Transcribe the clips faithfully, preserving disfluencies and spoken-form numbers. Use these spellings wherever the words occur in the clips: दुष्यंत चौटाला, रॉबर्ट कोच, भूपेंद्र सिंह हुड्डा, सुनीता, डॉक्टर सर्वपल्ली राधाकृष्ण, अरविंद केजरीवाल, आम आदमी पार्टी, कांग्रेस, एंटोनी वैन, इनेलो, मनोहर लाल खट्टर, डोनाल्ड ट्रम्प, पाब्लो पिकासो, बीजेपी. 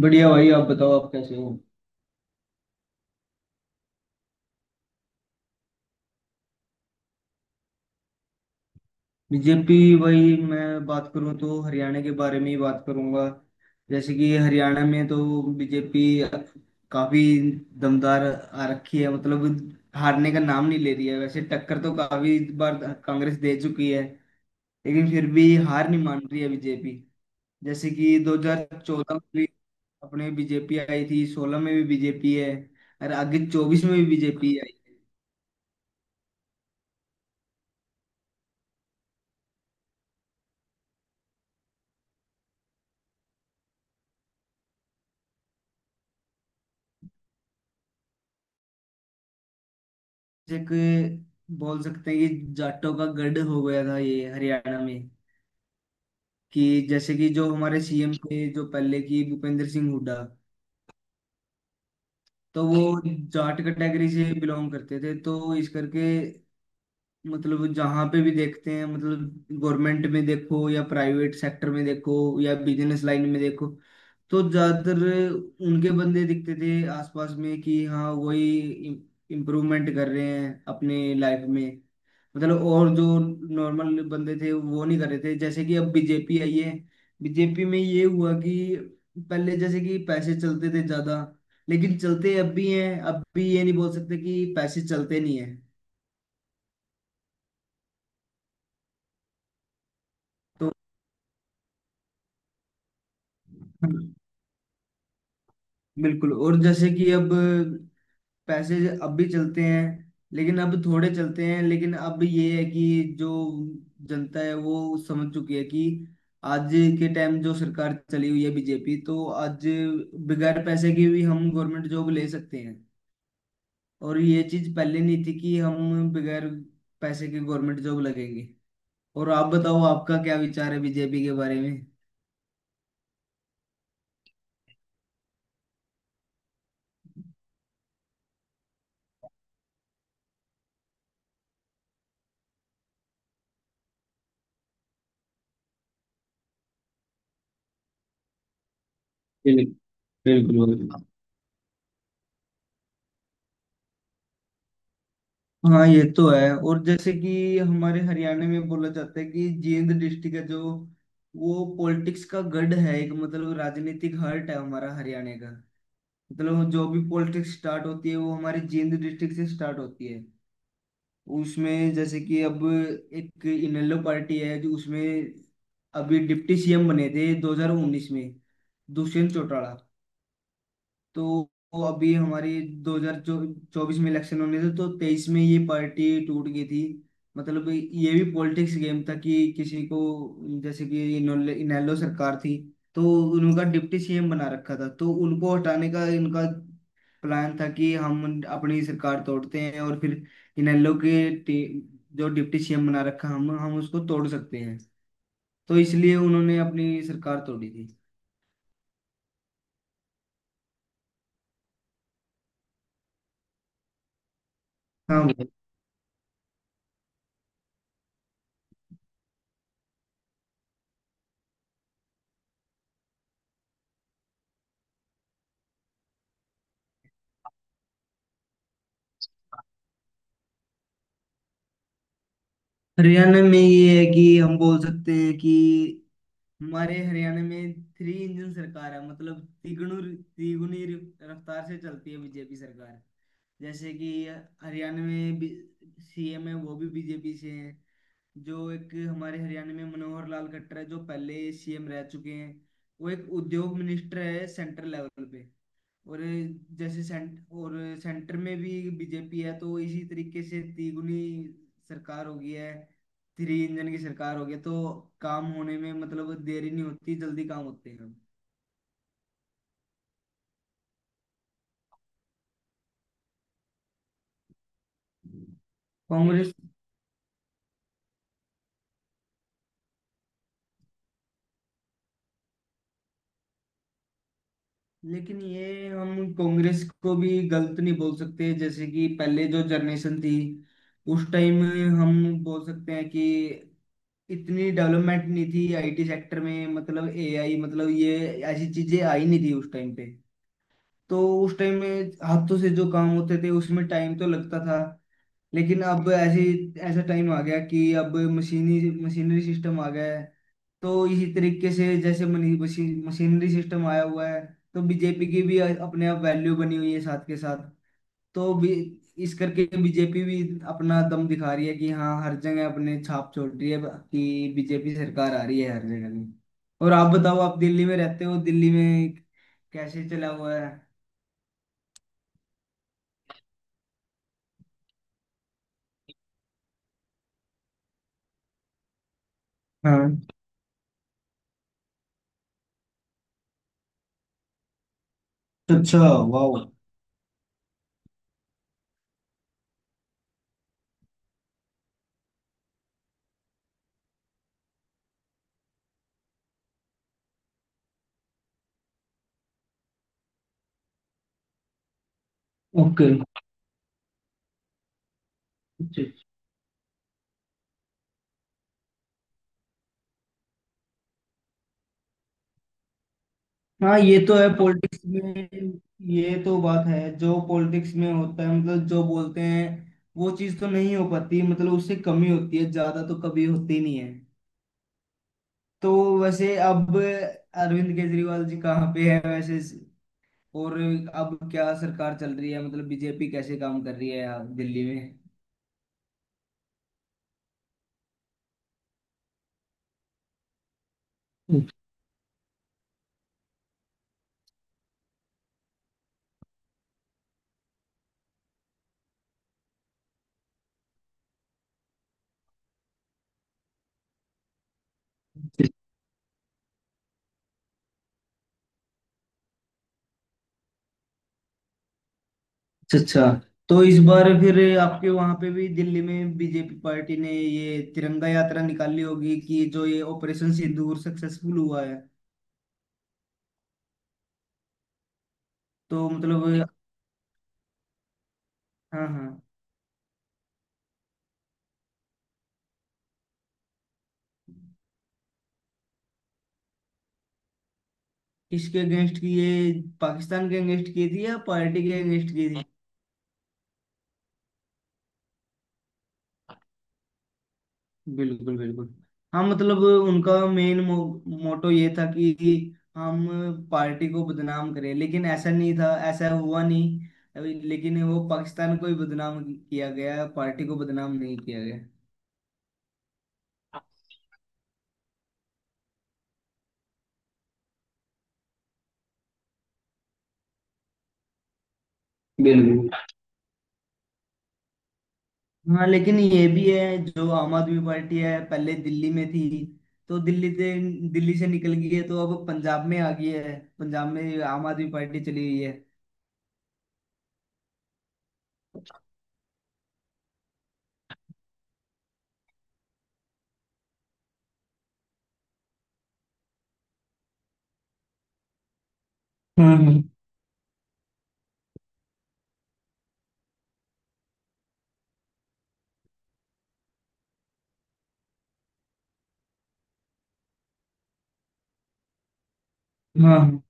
बढ़िया भाई, आप बताओ, आप कैसे हो। बीजेपी। वही, मैं बात करूं तो हरियाणा के बारे में ही बात करूंगा। जैसे कि हरियाणा में तो बीजेपी काफी दमदार आ रखी है, मतलब हारने का नाम नहीं ले रही है। वैसे टक्कर तो काफी बार कांग्रेस दे चुकी है, लेकिन फिर भी हार नहीं मान रही है बीजेपी। जैसे कि दो हज़ार चौदह में भी अपने बीजेपी आई थी, सोलह में भी बीजेपी है, और आगे चौबीस में भी बीजेपी है। जैसे कि बोल सकते हैं कि जाटों का गढ़ हो गया था ये हरियाणा में। कि जैसे कि जो हमारे सीएम थे, जो पहले की, भूपेंद्र सिंह हुड्डा, तो वो जाट कैटेगरी से बिलोंग करते थे, तो इस करके मतलब जहाँ पे भी देखते हैं, मतलब गवर्नमेंट में देखो या प्राइवेट सेक्टर में देखो या बिजनेस लाइन में देखो, तो ज्यादातर उनके बंदे दिखते थे आसपास में। कि हाँ, वही इम्प्रूवमेंट कर रहे हैं अपने लाइफ में। मतलब, और जो नॉर्मल बंदे थे वो नहीं कर रहे थे। जैसे कि अब बीजेपी आई है, बीजेपी में ये हुआ कि पहले जैसे कि पैसे चलते थे ज्यादा, लेकिन चलते अब भी हैं। अब भी ये नहीं बोल सकते कि पैसे चलते नहीं है तो। बिल्कुल। और जैसे कि अब पैसे अब भी चलते हैं, लेकिन अब थोड़े चलते हैं। लेकिन अब ये है कि जो जनता है वो समझ चुकी है कि आज के टाइम जो सरकार चली हुई है बीजेपी, तो आज बगैर पैसे की भी हम गवर्नमेंट जॉब ले सकते हैं। और ये चीज पहले नहीं थी कि हम बगैर पैसे के गवर्नमेंट जॉब लगेंगे। और आप बताओ, आपका क्या विचार है बीजेपी के बारे में। बिल्कुल। बिल्कुल। हाँ, ये तो है। और जैसे कि हमारे हरियाणा में बोला जाता है कि जींद डिस्ट्रिक्ट है जो, वो पॉलिटिक्स का गढ़ है एक, मतलब राजनीतिक हर्ट है हमारा हरियाणा का। मतलब जो भी पॉलिटिक्स स्टार्ट होती है वो हमारे जींद डिस्ट्रिक्ट से स्टार्ट होती है। उसमें जैसे कि अब एक इनेलो पार्टी है जो, उसमें अभी डिप्टी सीएम बने थे दो हज़ार उन्नीस में, दुष्यंत चौटाला। तो वो अभी हमारी दो हज़ार चौबीस में इलेक्शन होने थे तो तेईस में ये पार्टी टूट गई थी। मतलब ये भी पॉलिटिक्स गेम था कि किसी को, जैसे कि इन्होंने- इनेलो सरकार थी, तो उनका डिप्टी सीएम बना रखा था, तो उनको हटाने का इनका प्लान था कि हम उन- अपनी सरकार तोड़ते हैं, और फिर इनेलो के टी- जो डिप्टी सीएम बना रखा, हम हम उसको तोड़ सकते हैं। तो इसलिए उन्होंने अपनी सरकार तोड़ी थी। हाँ। हरियाणा में ये है कि हम बोल सकते हैं कि हमारे हरियाणा में थ्री इंजन सरकार है, मतलब तिगुनी तिगुनी रफ्तार से चलती है बीजेपी सरकार। जैसे कि हरियाणा में सीएम है वो भी बीजेपी से हैं, जो एक हमारे हरियाणा में मनोहर लाल खट्टर है जो पहले सीएम रह चुके हैं, वो एक उद्योग मिनिस्टर है सेंट्रल लेवल पे, और जैसे सेंट और सेंटर में भी बीजेपी है, तो इसी तरीके से तिगुनी सरकार हो गई है। थ्री इंजन की सरकार हो गई है, तो काम होने में मतलब देरी नहीं होती, जल्दी काम होते हैं। कांग्रेस लेकिन ये हम कांग्रेस को भी गलत नहीं बोल सकते। जैसे कि पहले जो जनरेशन थी, उस टाइम, हम बोल सकते हैं कि इतनी डेवलपमेंट नहीं थी आईटी सेक्टर में, मतलब एआई, मतलब ये ऐसी चीजें आई नहीं थी उस टाइम पे। तो उस टाइम में हाथों से जो काम होते थे, उसमें टाइम तो लगता था। लेकिन अब ऐसे ऐसा टाइम आ गया कि अब मशीनी मशीनरी सिस्टम आ गया है। तो इसी तरीके से जैसे मनी- मशीन मशीनरी सिस्टम आया हुआ है, तो बीजेपी की भी अपने आप वैल्यू बनी हुई है साथ के साथ, तो भी इस करके बीजेपी भी अपना दम दिखा रही है कि हाँ हर जगह अपने छाप छोड़ रही है, कि बीजेपी सरकार आ रही है हर जगह में। और आप बताओ, आप दिल्ली में रहते हो, दिल्ली में कैसे चला हुआ है। हाँ। अच्छा। वाह। ओके। हाँ, ये तो है पॉलिटिक्स में। ये तो बात है, जो पॉलिटिक्स में होता है, मतलब जो बोलते हैं वो चीज तो नहीं हो पाती, मतलब उससे कमी होती है, ज्यादा तो कभी होती नहीं है। तो वैसे अब अरविंद केजरीवाल जी कहाँ पे है वैसे, और अब क्या सरकार चल रही है, मतलब बीजेपी कैसे काम कर रही है यहाँ दिल्ली में। अच्छा, अच्छा। तो इस बार फिर आपके वहां पे भी दिल्ली में बीजेपी पार्टी ने ये तिरंगा यात्रा निकाली होगी कि जो ये ऑपरेशन सिंदूर सक्सेसफुल हुआ है। तो मतलब, हाँ, हाँ। किसके अगेंस्ट की ये, पाकिस्तान के अगेंस्ट की थी या पार्टी के अगेंस्ट की थी। बिल्कुल, बिल्कुल। हाँ, मतलब उनका मेन मोटो ये था कि हम पार्टी को बदनाम करें, लेकिन ऐसा नहीं था, ऐसा हुआ नहीं। अभी- लेकिन वो पाकिस्तान को ही बदनाम किया गया, पार्टी को बदनाम नहीं किया गया। बिल्कुल। हाँ, लेकिन ये भी है, जो आम आदमी पार्टी है पहले दिल्ली में थी, तो दिल्ली से दिल्ली से निकल गई है, तो अब पंजाब में आ गई है, पंजाब में आम आदमी पार्टी चली गई है। हम्म। हाँ,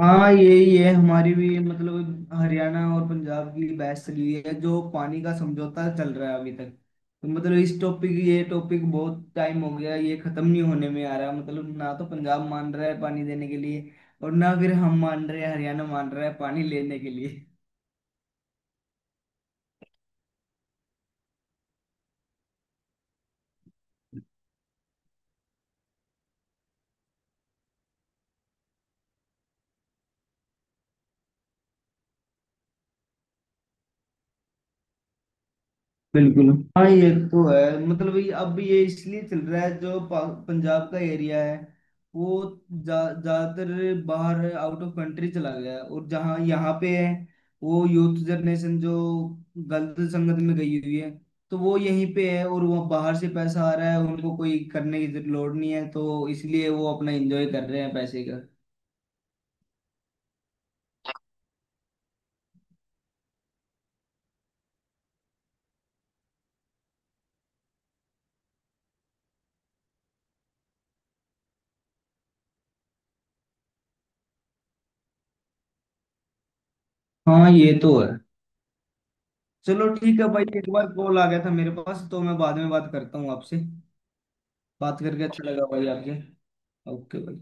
हाँ, यही है हमारी भी, मतलब हरियाणा और पंजाब की बहस चली हुई है जो पानी का समझौता चल रहा है अभी तक। तो मतलब इस टॉपिक, ये टॉपिक बहुत टाइम हो गया, ये खत्म नहीं होने में आ रहा, मतलब ना तो पंजाब मान रहा है पानी देने के लिए, और ना फिर हम मान रहे हैं, हरियाणा मान रहा है पानी लेने के लिए। बिल्कुल। हाँ, ये तो है। मतलब ये अब ये इसलिए चल रहा है जो पा- पंजाब का एरिया है, वो जा- ज्यादातर बाहर आउट ऑफ कंट्री चला गया है, और जहाँ यहाँ पे है, वो यूथ जनरेशन जो गलत संगत में गई हुई है, तो वो यहीं पे है, और वो बाहर से पैसा आ रहा है, उनको कोई करने की जरूरत- लोड नहीं है, तो इसलिए वो अपना एंजॉय कर रहे हैं पैसे का। हाँ, ये तो है। चलो, ठीक है भाई, एक बार कॉल आ गया था मेरे पास, तो मैं बाद में बात करता हूँ आपसे। बात करके अच्छा लगा भाई आपसे। कर दो।